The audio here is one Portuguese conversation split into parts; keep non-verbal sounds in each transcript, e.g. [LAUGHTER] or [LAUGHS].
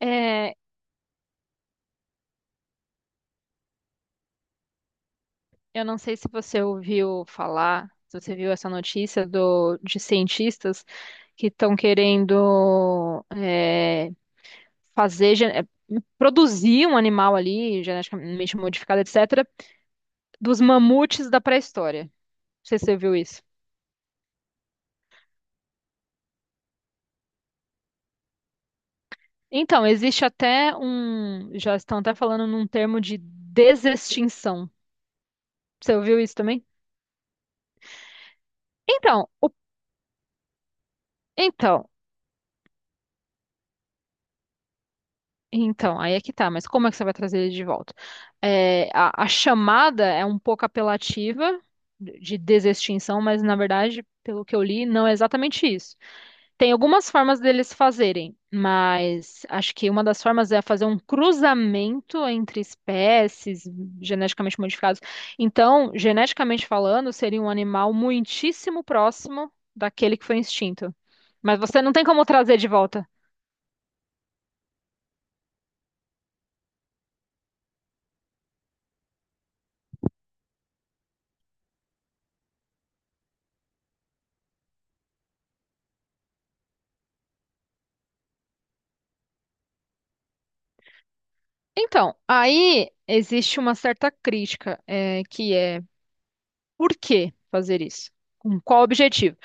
É, eu não sei se você ouviu falar, se você viu essa notícia de cientistas que estão querendo fazer, produzir um animal ali, geneticamente modificado, etc., dos mamutes da pré-história. Não sei se você viu isso. Então, existe até um, já estão até falando num termo de desextinção. Você ouviu isso também? Então, o- então, então, aí é que tá, mas como é que você vai trazer ele de volta? É, a chamada é um pouco apelativa de desextinção, mas na verdade, pelo que eu li, não é exatamente isso. Tem algumas formas deles fazerem, mas acho que uma das formas é fazer um cruzamento entre espécies geneticamente modificadas. Então, geneticamente falando, seria um animal muitíssimo próximo daquele que foi extinto. Mas você não tem como trazer de volta. Então, aí existe uma certa crítica, que é por que fazer isso? Com qual objetivo?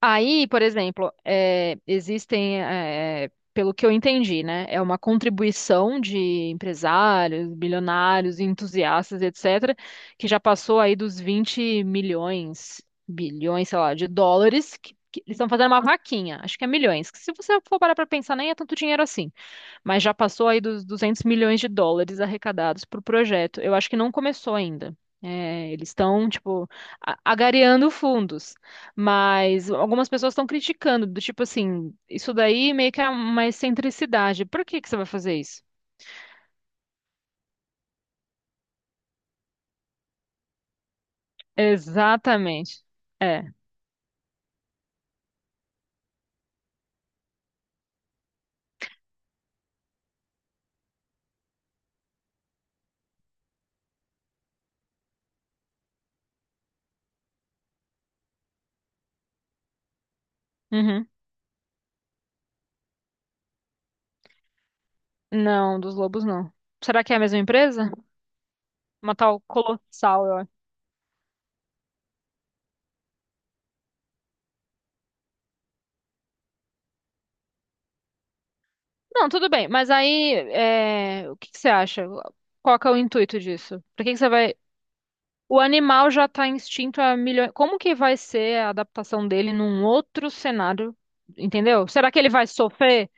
Aí, por exemplo, existem, pelo que eu entendi, né? É uma contribuição de empresários, bilionários, entusiastas, etc., que já passou aí dos 20 milhões, bilhões, sei lá, de dólares, que eles estão fazendo uma vaquinha, acho que é milhões. Que se você for parar para pensar, nem é tanto dinheiro assim. Mas já passou aí dos 200 milhões de dólares arrecadados para o projeto. Eu acho que não começou ainda. É, eles estão, tipo, agariando fundos. Mas algumas pessoas estão criticando, do tipo assim, isso daí meio que é uma excentricidade. Por que que você vai fazer isso? Exatamente. É. Uhum. Não, dos lobos não. Será que é a mesma empresa? Uma tal Colossal, eu acho. Não, tudo bem, mas aí, o que que você acha? Qual que é o intuito disso? Por que que você vai. O animal já está extinto há milhões. Como que vai ser a adaptação dele num outro cenário? Entendeu? Será que ele vai sofrer?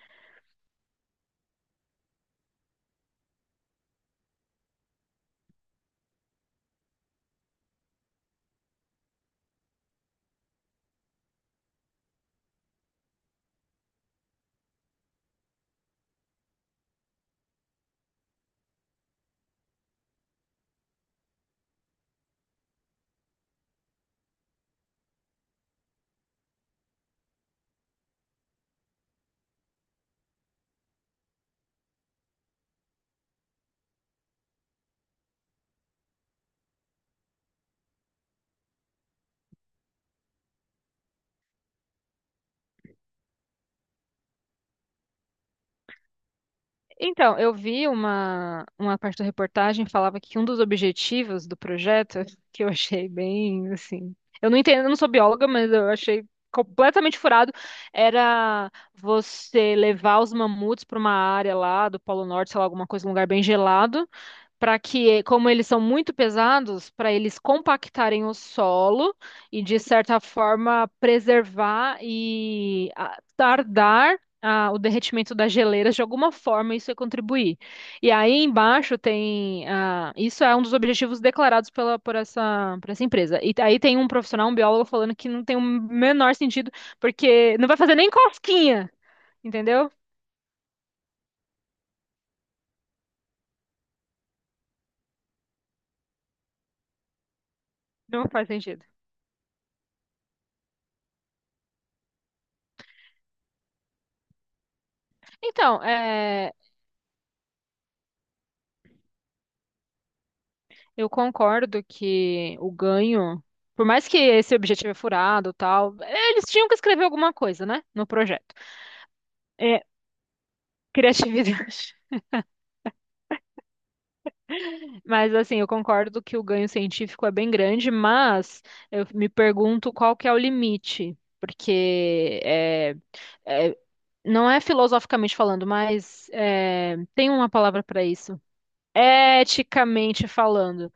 Então, eu vi uma parte da reportagem falava que um dos objetivos do projeto, [LAUGHS] que eu achei bem assim. Eu não entendo, eu não sou bióloga, mas eu achei completamente furado, era você levar os mamutes para uma área lá do Polo Norte, sei lá, alguma coisa, um lugar bem gelado para que, como eles são muito pesados, para eles compactarem o solo e, de certa forma, preservar e tardar o derretimento das geleiras, de alguma forma, isso é contribuir. E aí embaixo tem. Isso é um dos objetivos declarados pela, por essa empresa. E aí tem um profissional, um biólogo, falando que não tem o menor sentido, porque não vai fazer nem cosquinha, entendeu? Não faz sentido. Então, eu concordo que o ganho, por mais que esse objetivo é furado, e tal, eles tinham que escrever alguma coisa, né, no projeto. É, criatividade. [LAUGHS] Mas assim, eu concordo que o ganho científico é bem grande, mas eu me pergunto qual que é o limite, porque é, não é filosoficamente falando, mas é, tem uma palavra para isso. Eticamente falando.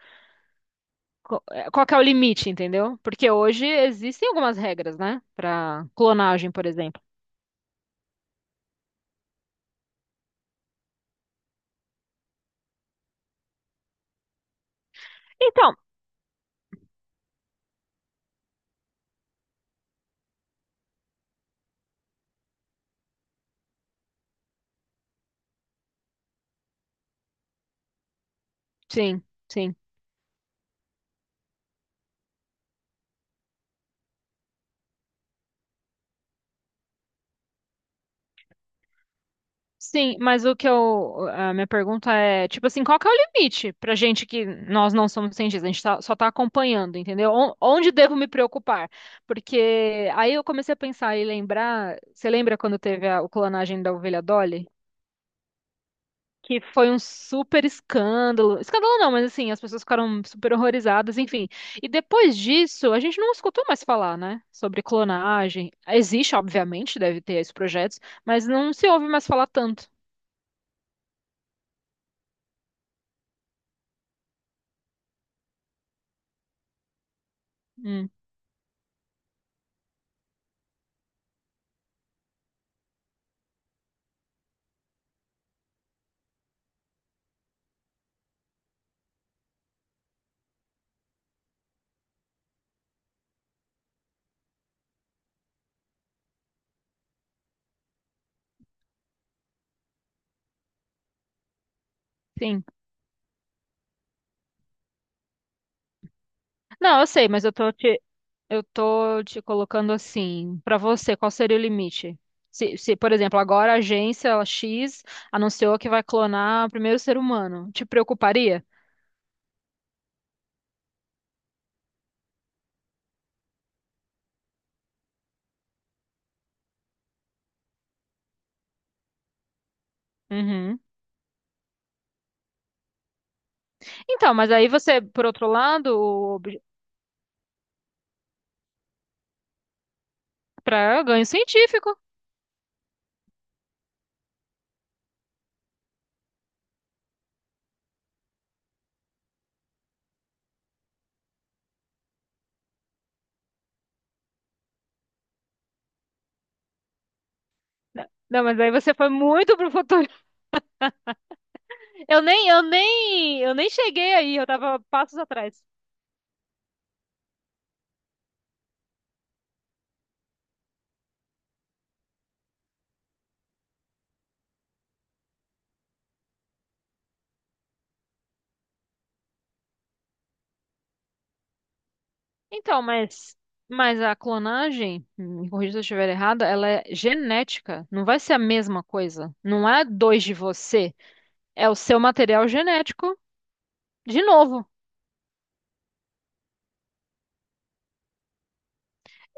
Qual que é o limite, entendeu? Porque hoje existem algumas regras, né? Para clonagem, por exemplo. Então, sim, sim. Sim, mas o que eu, a minha pergunta é, tipo assim, qual que é o limite pra gente que nós não somos cientistas, a gente só tá acompanhando, entendeu? Onde devo me preocupar? Porque aí eu comecei a pensar e lembrar, você lembra quando teve o clonagem da ovelha Dolly? Que foi um super escândalo. Escândalo não, mas assim, as pessoas ficaram super horrorizadas, enfim. E depois disso, a gente não escutou mais falar, né, sobre clonagem. Existe, obviamente, deve ter esses projetos, mas não se ouve mais falar tanto. Hum, sim. Não, eu sei, mas eu tô te colocando assim, pra você, qual seria o limite? Se, por exemplo, agora a agência X anunciou que vai clonar o primeiro ser humano, te preocuparia? Uhum. Então, mas aí você, por outro lado, pra ganho científico. Não, não, mas aí você foi muito pro futuro. [LAUGHS] Eu nem cheguei aí, eu tava passos atrás. Então, mas, mas a clonagem, me corrija se eu estiver errada, ela é genética. Não vai ser a mesma coisa. Não é dois de você, é o seu material genético de novo.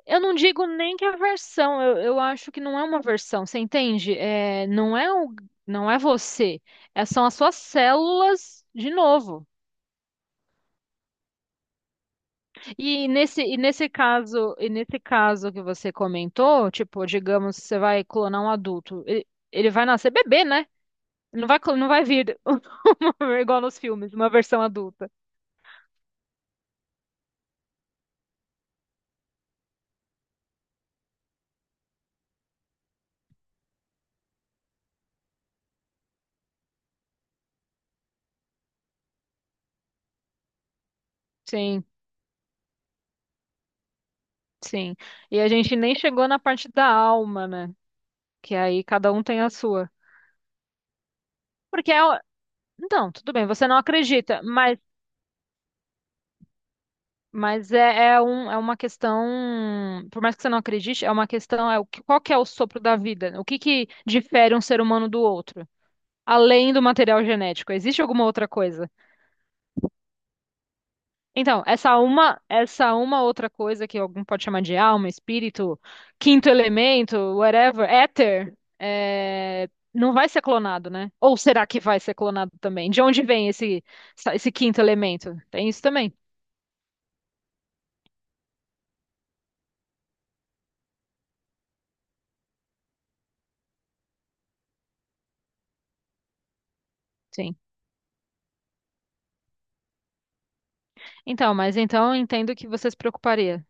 Eu não digo nem que é a versão, eu acho que não é uma versão, você entende? É, não é não é você, são as suas células de novo. E nesse caso que você comentou, tipo, digamos, você vai clonar um adulto, ele vai nascer bebê, né? Ele não vai, não vai vir [LAUGHS] igual nos filmes, uma versão adulta. Sim, sim. E a gente nem chegou na parte da alma, né? Que aí cada um tem a sua. Porque é, o- então, tudo bem, você não acredita, mas é uma questão, por mais que você não acredite, é uma questão, é qual que é o sopro da vida? O que que difere um ser humano do outro? Além do material genético, existe alguma outra coisa? Então, essa uma outra coisa que algum pode chamar de alma, espírito, quinto elemento, whatever, éter, não vai ser clonado, né? Ou será que vai ser clonado também? De onde vem esse, esse quinto elemento? Tem isso também. Sim. Então, mas então eu entendo que você se preocuparia.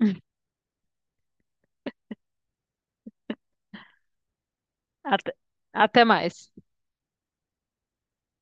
[LAUGHS] Até, até mais.